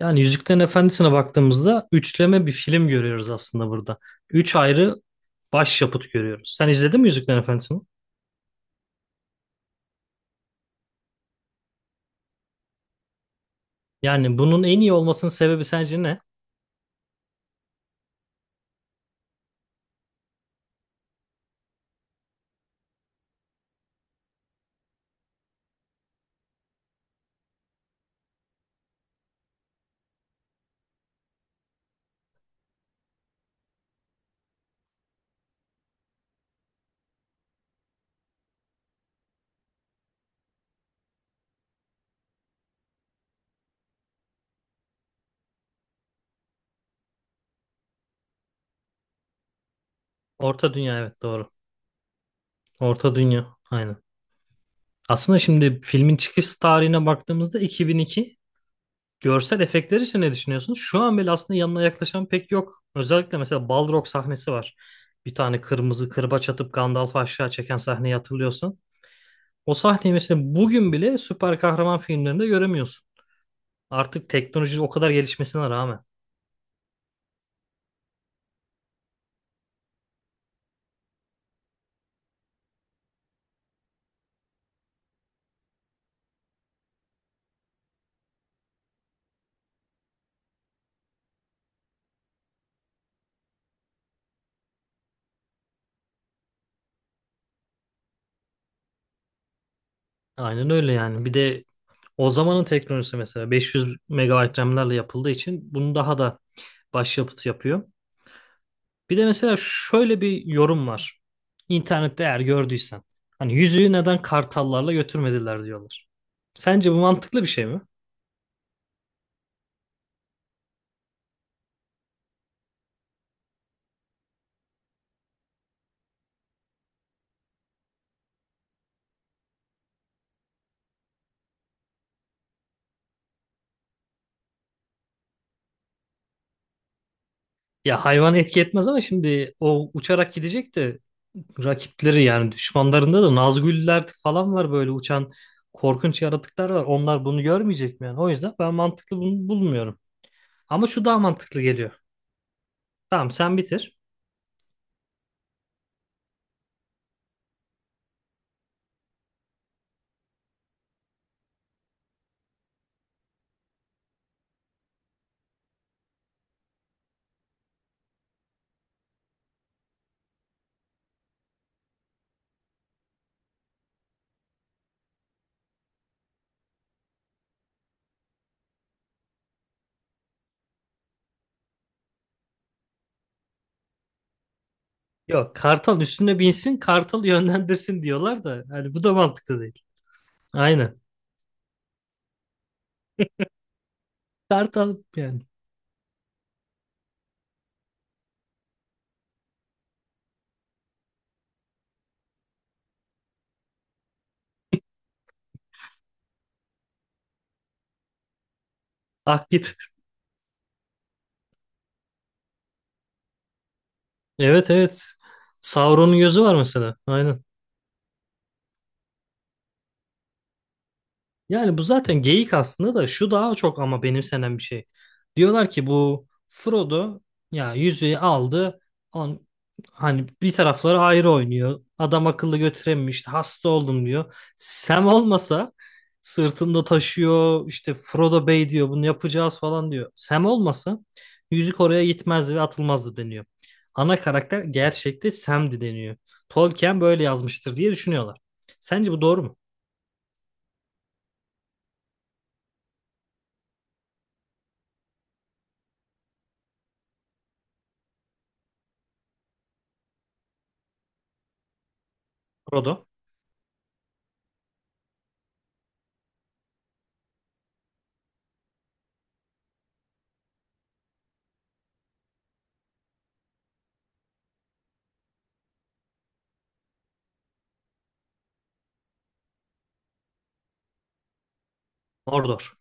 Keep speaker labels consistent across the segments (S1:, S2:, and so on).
S1: Yani Yüzüklerin Efendisi'ne baktığımızda üçleme bir film görüyoruz aslında burada. Üç ayrı başyapıt görüyoruz. Sen izledin mi Yüzüklerin Efendisi'ni? Yani bunun en iyi olmasının sebebi sence ne? Orta Dünya, evet, doğru. Orta Dünya, aynen. Aslında şimdi filmin çıkış tarihine baktığımızda 2002. Görsel efektler için ne düşünüyorsun? Şu an bile aslında yanına yaklaşan pek yok. Özellikle mesela Balrog sahnesi var. Bir tane kırmızı kırbaç atıp Gandalf'ı aşağı çeken sahneyi hatırlıyorsan. O sahneyi mesela bugün bile süper kahraman filmlerinde göremiyorsun. Artık teknoloji o kadar gelişmesine rağmen. Aynen öyle yani. Bir de o zamanın teknolojisi mesela 500 megabayt RAM'lerle yapıldığı için bunu daha da başyapıt yapıyor. Bir de mesela şöyle bir yorum var. İnternette eğer gördüysen. Hani yüzüğü neden kartallarla götürmediler diyorlar. Sence bu mantıklı bir şey mi? Ya hayvan etki etmez ama şimdi o uçarak gidecek de rakipleri, yani düşmanlarında da Nazgûl'ler falan var, böyle uçan korkunç yaratıklar var. Onlar bunu görmeyecek mi yani? O yüzden ben mantıklı bunu bulmuyorum. Ama şu daha mantıklı geliyor. Tamam, sen bitir. Yok, kartal üstüne binsin, kartal yönlendirsin diyorlar da yani bu da mantıklı değil. Aynen. Kartal yani. Ah git. Evet, evet. Sauron'un gözü var mesela. Aynen. Yani bu zaten geyik aslında da, şu daha çok ama benimsenen bir şey. Diyorlar ki bu Frodo ya yüzüğü aldı. On, hani bir tarafları ayrı oynuyor. Adam akıllı götürememişti. Hasta oldum diyor. Sam olmasa sırtında taşıyor. İşte Frodo Bey diyor, bunu yapacağız falan diyor. Sam olmasa yüzük oraya gitmezdi ve atılmazdı deniyor. Ana karakter gerçekte Sam'di deniyor. Tolkien böyle yazmıştır diye düşünüyorlar. Sence bu doğru mu? Frodo, Mordor.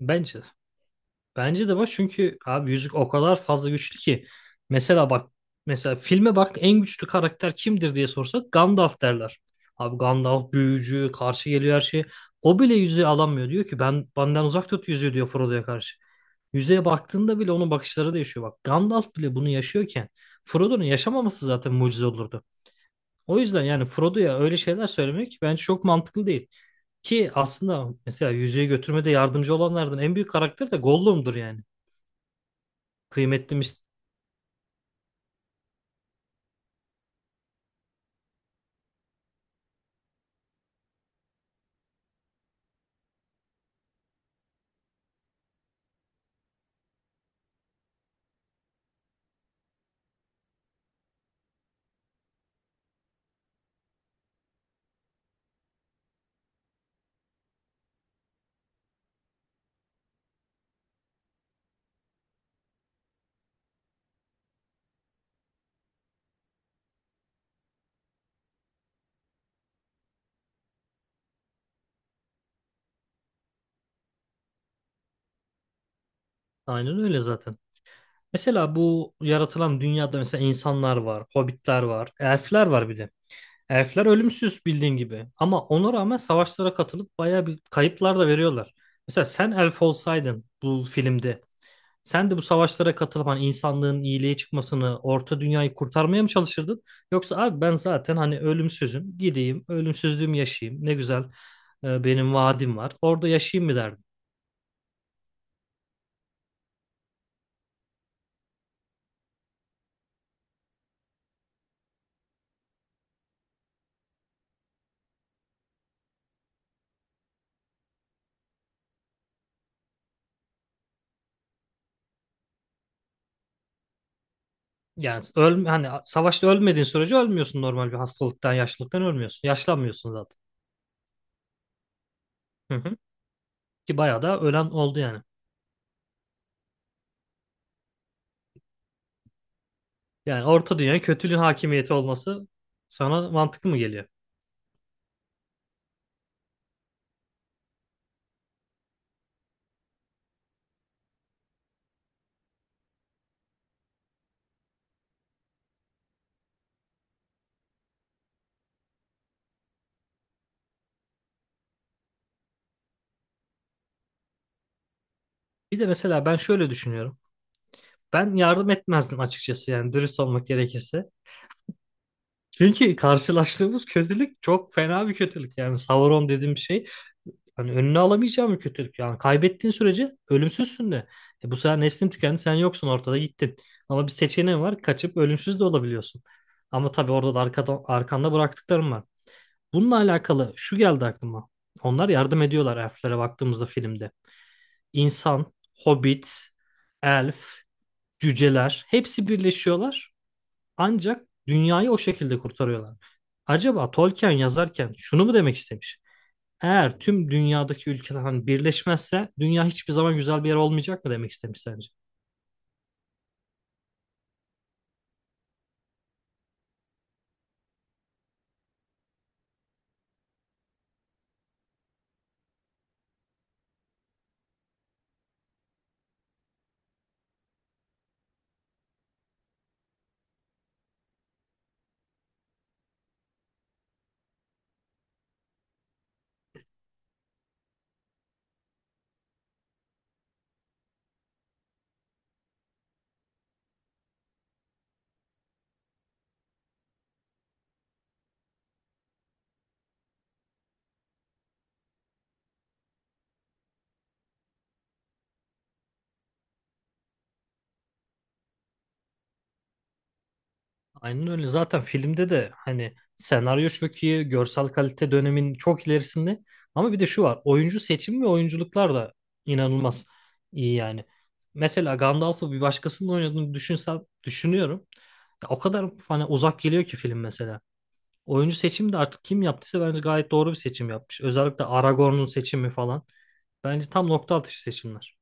S1: Bence. Bence de var, çünkü abi yüzük o kadar fazla güçlü ki. Mesela bak, mesela filme bak, en güçlü karakter kimdir diye sorsak Gandalf derler. Abi Gandalf büyücü, karşı geliyor her şeye. O bile yüzüğü alamıyor, diyor ki ben, benden uzak tut yüzüğü diyor Frodo'ya karşı. Yüzüğe baktığında bile onun bakışları değişiyor. Bak, Gandalf bile bunu yaşıyorken Frodo'nun yaşamaması zaten mucize olurdu. O yüzden yani Frodo'ya öyle şeyler söylemek bence çok mantıklı değil. Ki aslında mesela yüzüğü götürmede yardımcı olanlardan en büyük karakter de Gollum'dur yani. Kıymetlimiz, aynen öyle zaten. Mesela bu yaratılan dünyada mesela insanlar var, hobbitler var, elfler var bir de. Elfler ölümsüz bildiğin gibi. Ama ona rağmen savaşlara katılıp bayağı bir kayıplar da veriyorlar. Mesela sen elf olsaydın bu filmde, sen de bu savaşlara katılıp hani insanlığın iyiliğe çıkmasını, orta dünyayı kurtarmaya mı çalışırdın? Yoksa abi ben zaten hani ölümsüzüm, gideyim, ölümsüzlüğümü yaşayayım. Ne güzel benim vaadim var. Orada yaşayayım mı derdin? Yani öl, hani savaşta ölmediğin sürece ölmüyorsun, normal bir hastalıktan, yaşlılıktan ölmüyorsun. Yaşlanmıyorsun zaten. Hı hı. Ki bayağı da ölen oldu yani. Yani orta dünyaya kötülüğün hakimiyeti olması sana mantıklı mı geliyor? Bir de mesela ben şöyle düşünüyorum. Ben yardım etmezdim açıkçası yani, dürüst olmak gerekirse. Çünkü karşılaştığımız kötülük çok fena bir kötülük. Yani Sauron dediğim şey, hani önüne alamayacağım bir kötülük. Yani kaybettiğin sürece ölümsüzsün de. E bu sefer neslin tükendi, sen yoksun ortada, gittin. Ama bir seçeneğin var, kaçıp ölümsüz de olabiliyorsun. Ama tabii orada da arkanda bıraktıklarım var. Bununla alakalı şu geldi aklıma. Onlar yardım ediyorlar, elflere baktığımızda filmde. İnsan, hobbit, elf, cüceler hepsi birleşiyorlar, ancak dünyayı o şekilde kurtarıyorlar. Acaba Tolkien yazarken şunu mu demek istemiş? Eğer tüm dünyadaki ülkeler hani birleşmezse dünya hiçbir zaman güzel bir yer olmayacak mı demek istemiş sence? Aynen öyle. Zaten filmde de hani senaryo çok iyi, görsel kalite dönemin çok ilerisinde. Ama bir de şu var. Oyuncu seçimi ve oyunculuklar da inanılmaz iyi yani. Mesela Gandalf'ı bir başkasının oynadığını düşünsem düşünüyorum. Ya o kadar hani uzak geliyor ki film mesela. Oyuncu seçimi de artık kim yaptıysa bence gayet doğru bir seçim yapmış. Özellikle Aragorn'un seçimi falan. Bence tam nokta atışı seçimler.